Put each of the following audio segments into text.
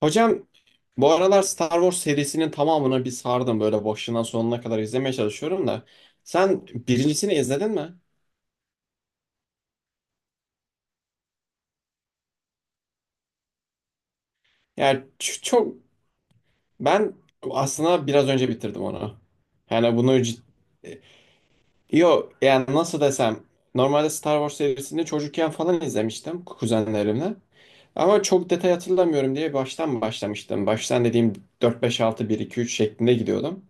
Hocam bu aralar Star Wars serisinin tamamını bir sardım böyle başından sonuna kadar izlemeye çalışıyorum da. Sen birincisini izledin mi? Yani çok ben aslında biraz önce bitirdim onu. Yani bunu cid... Yo, yani nasıl desem, normalde Star Wars serisini çocukken falan izlemiştim kuzenlerimle. Ama çok detay hatırlamıyorum diye baştan başlamıştım. Baştan dediğim dört beş altı bir iki üç şeklinde gidiyordum.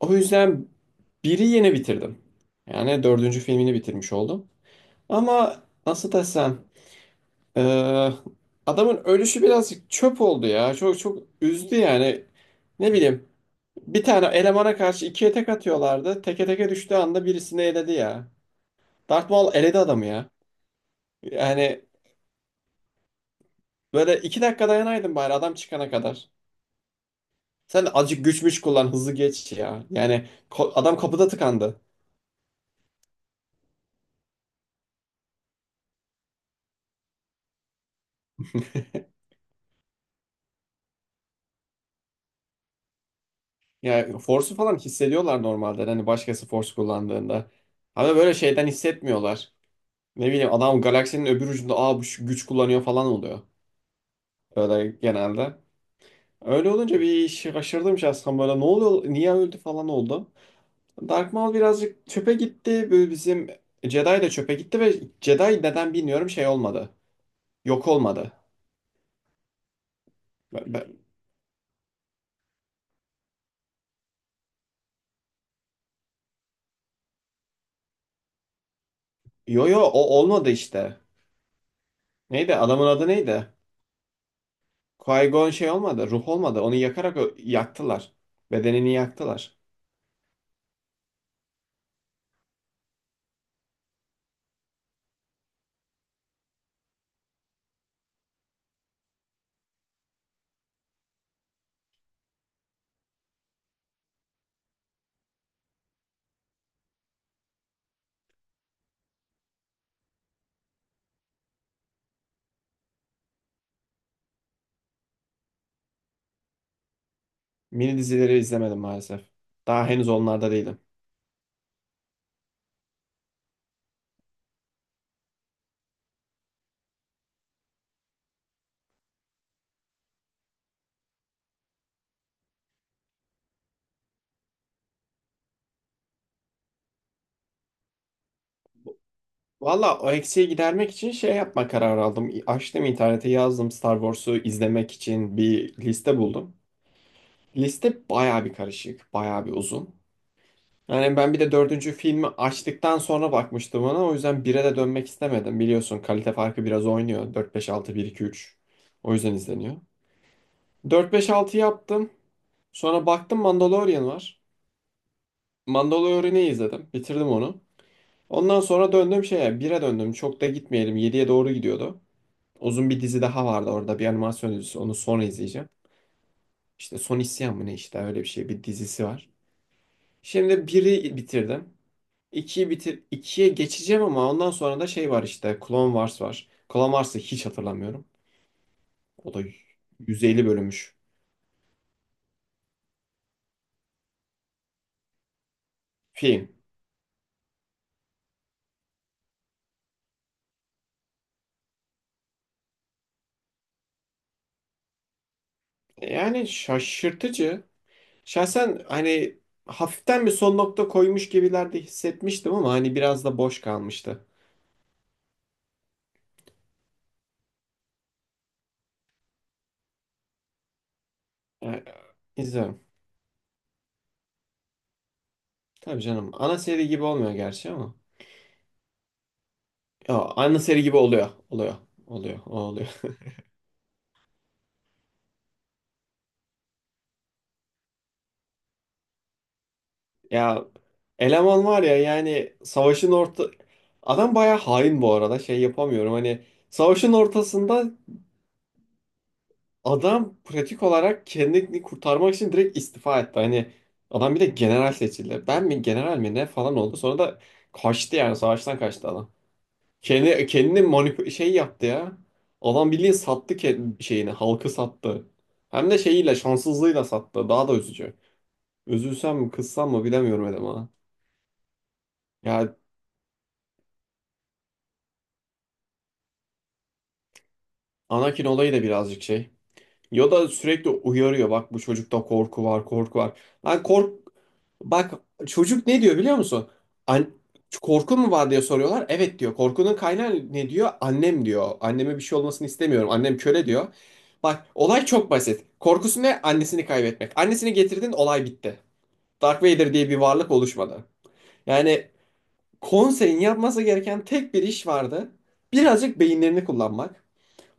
O yüzden biri yeni bitirdim. Yani dördüncü filmini bitirmiş oldum. Ama nasıl desem, eee, adamın ölüşü birazcık çöp oldu ya. Çok çok üzdü yani. Ne bileyim, bir tane elemana karşı ikiye tek atıyorlardı. Teke teke düştüğü anda birisini eledi ya. Darth Maul eledi adamı ya. Yani böyle 2 dakika dayanaydın bari adam çıkana kadar. Sen de azıcık güçmüş kullan hızlı geç ya. Yani adam kapıda tıkandı. Yani force'u falan hissediyorlar normalde. Hani başkası force kullandığında. Ama böyle şeyden hissetmiyorlar. Ne bileyim, adam galaksinin öbür ucunda aa bu şu güç kullanıyor falan oluyor. Böyle genelde. Öyle olunca bir şaşırdım şahsen, böyle ne oluyor niye öldü falan oldu. Dark Maul birazcık çöpe gitti. Böyle bizim Jedi de çöpe gitti ve Jedi neden bilmiyorum şey olmadı. Yok olmadı. Ben- ben- Yo yo, o olmadı işte. Neydi adamın adı neydi? Qui-Gon şey olmadı, ruh olmadı. Onu yakarak yaktılar. Bedenini yaktılar. Mini dizileri izlemedim maalesef. Daha henüz onlarda değilim. Valla o eksiği gidermek için şey yapma kararı aldım. Açtım internete yazdım Star Wars'u izlemek için bir liste buldum. Liste baya bir karışık, baya bir uzun. Yani ben bir de dördüncü filmi açtıktan sonra bakmıştım ona. O yüzden bire de dönmek istemedim. Biliyorsun kalite farkı biraz oynuyor. Dört beş altı bir iki üç. O yüzden izleniyor. 4 5 6 yaptım. Sonra baktım Mandalorian var. Mandalorian'ı izledim. Bitirdim onu. Ondan sonra döndüm şeye, 1'e döndüm. Çok da gitmeyelim, yediye doğru gidiyordu. Uzun bir dizi daha vardı orada. Bir animasyon dizisi. Onu sonra izleyeceğim. İşte Son İsyan mı ne, işte öyle bir şey. Bir dizisi var. Şimdi biri bitirdim. 2'yi bitir 2'ye geçeceğim ama ondan sonra da şey var işte. Clone Wars var. Clone Wars'ı hiç hatırlamıyorum. O da 150 bölünmüş film. Yani şaşırtıcı. Şahsen hani hafiften bir son nokta koymuş gibiler de hissetmiştim ama hani biraz da boş kalmıştı. Yani izliyorum. Tabii canım. Ana seri gibi olmuyor gerçi ama. Ya, ana seri gibi oluyor. Oluyor. Oluyor. O oluyor. Ya eleman var ya, yani savaşın orta... Adam bayağı hain bu arada. Şey yapamıyorum hani, savaşın ortasında adam pratik olarak kendini kurtarmak için direkt istifa etti. Hani adam bir de general seçildi. Ben mi general mi ne falan oldu. Sonra da kaçtı, yani savaştan kaçtı adam. Kendi kendini manip şey yaptı ya. Adam bildiğin sattı şeyini, halkı sattı. Hem de şeyiyle, şanssızlığıyla sattı. Daha da üzücü. Üzülsem mi, kızsam mı bilemiyorum eleman. Ya Anakin olayı da birazcık şey. Yoda sürekli uyarıyor. Bak, bu çocukta korku var, korku var. Lan bak, çocuk ne diyor biliyor musun? An korkun mu var diye soruyorlar. Evet diyor. Korkunun kaynağı ne diyor? Annem diyor. Anneme bir şey olmasını istemiyorum. Annem köle diyor. Bak olay çok basit. Korkusu ne? Annesini kaybetmek. Annesini getirdin olay bitti. Dark Vader diye bir varlık oluşmadı. Yani konseyin yapması gereken tek bir iş vardı. Birazcık beyinlerini kullanmak.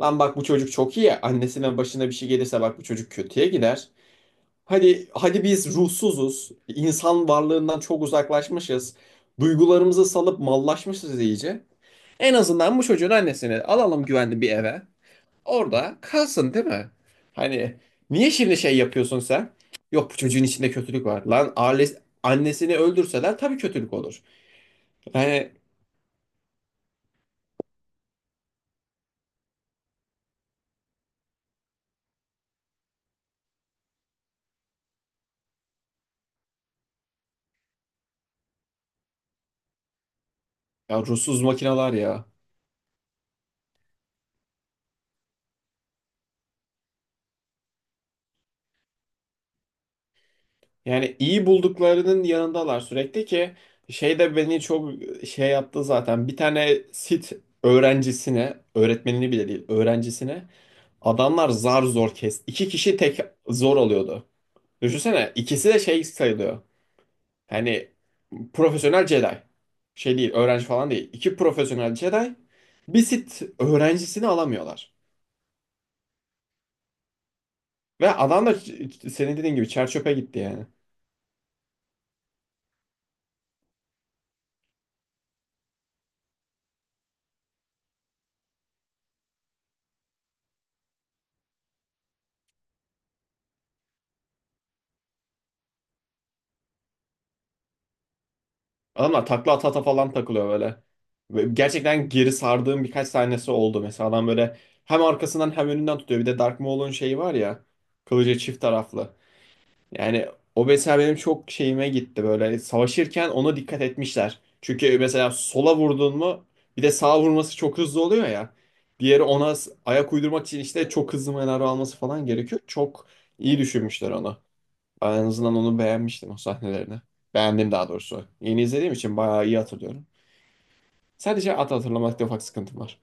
Lan bak bu çocuk çok iyi. Annesine, başına bir şey gelirse bak bu çocuk kötüye gider. Hadi hadi biz ruhsuzuz. İnsan varlığından çok uzaklaşmışız. Duygularımızı salıp mallaşmışız iyice. En azından bu çocuğun annesini alalım güvenli bir eve. Orada kalsın, değil mi? Hani niye şimdi şey yapıyorsun sen? Yok, bu çocuğun içinde kötülük var. Lan ailesi, annesini öldürseler tabii kötülük olur. Yani ya ruhsuz makineler ya. Yani iyi bulduklarının yanındalar sürekli ki, şey de beni çok şey yaptı zaten. Bir tane sit öğrencisine, öğretmenini bile değil, öğrencisine adamlar zar zor kes... İki kişi tek zor oluyordu. Düşünsene ikisi de şey sayılıyor. Hani profesyonel Jedi. Şey değil, öğrenci falan değil. İki profesyonel Jedi bir sit öğrencisini alamıyorlar. Ve adam da senin dediğin gibi çer çöpe gitti yani. Adamlar takla ata ata falan takılıyor böyle. Ve gerçekten geri sardığım birkaç sahnesi oldu. Mesela adam böyle hem arkasından hem önünden tutuyor. Bir de Dark Maul'un şeyi var ya. Kılıcı çift taraflı. Yani o mesela benim çok şeyime gitti böyle. Savaşırken ona dikkat etmişler. Çünkü mesela sola vurdun mu bir de sağa vurması çok hızlı oluyor ya. Diğeri ona ayak uydurmak için işte çok hızlı manevra alması falan gerekiyor. Çok iyi düşünmüşler onu. Ben en azından onu beğenmiştim o sahnelerini. Beğendim daha doğrusu. Yeni izlediğim için bayağı iyi hatırlıyorum. Sadece at hatırlamakta ufak sıkıntım var.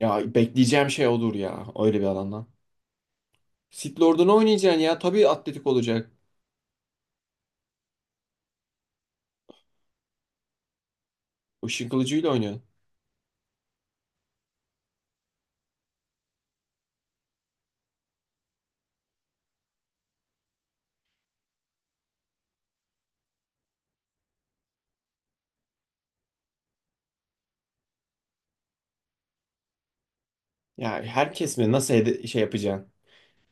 Ya bekleyeceğim şey odur ya öyle bir alandan. Sith Lord'unu oynayacaksın ya, tabii atletik olacak. Işın kılıcıyla oynuyorsun. Ya herkes mi, nasıl şey yapacaksın?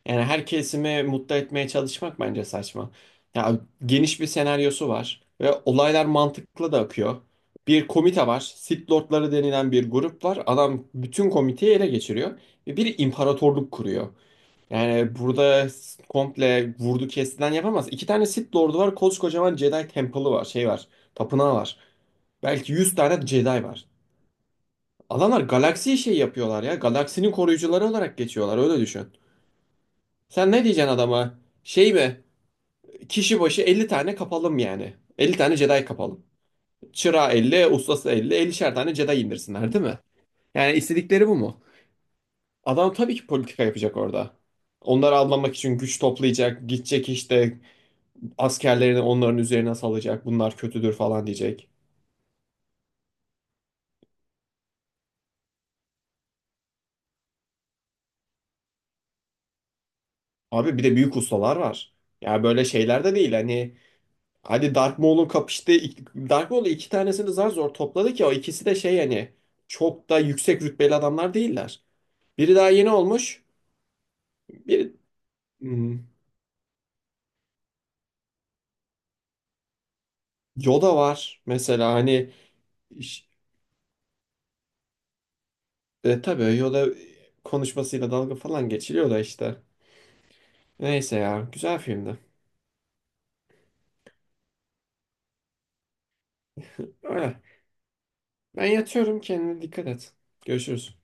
Yani her kesimi mutlu etmeye çalışmak bence saçma. Ya geniş bir senaryosu var ve olaylar mantıklı da akıyor. Bir komite var. Sith Lordları denilen bir grup var. Adam bütün komiteyi ele geçiriyor ve bir imparatorluk kuruyor. Yani burada komple vurdu kestilen yapamaz. İki tane Sith Lord'u var. Koskocaman Jedi Temple'ı var. Şey var. Tapınağı var. Belki 100 tane Jedi var. Adamlar galaksiyi şey yapıyorlar ya. Galaksinin koruyucuları olarak geçiyorlar. Öyle düşün. Sen ne diyeceksin adama? Şey mi? Kişi başı 50 tane kapalım yani. 50 tane Jedi kapalım. Çırağı 50, ustası 50 50'şer tane Jedi indirsinler, değil mi? Yani istedikleri bu mu? Adam tabii ki politika yapacak orada. Onları avlamak için güç toplayacak, gidecek işte askerlerini onların üzerine salacak, bunlar kötüdür falan diyecek. Abi bir de büyük ustalar var. Ya böyle şeyler de değil hani. Hani Dark Maul'un kapıştığı... Dark Maul'u, iki tanesini zar zor topladı ki o ikisi de şey yani çok da yüksek rütbeli adamlar değiller. Biri daha yeni olmuş. Bir Hmm, Yoda var mesela hani iş- tabii Yoda konuşmasıyla dalga falan geçiliyor da işte. Neyse ya, güzel filmdi. Öyle. Ben yatıyorum, kendine dikkat et. Görüşürüz.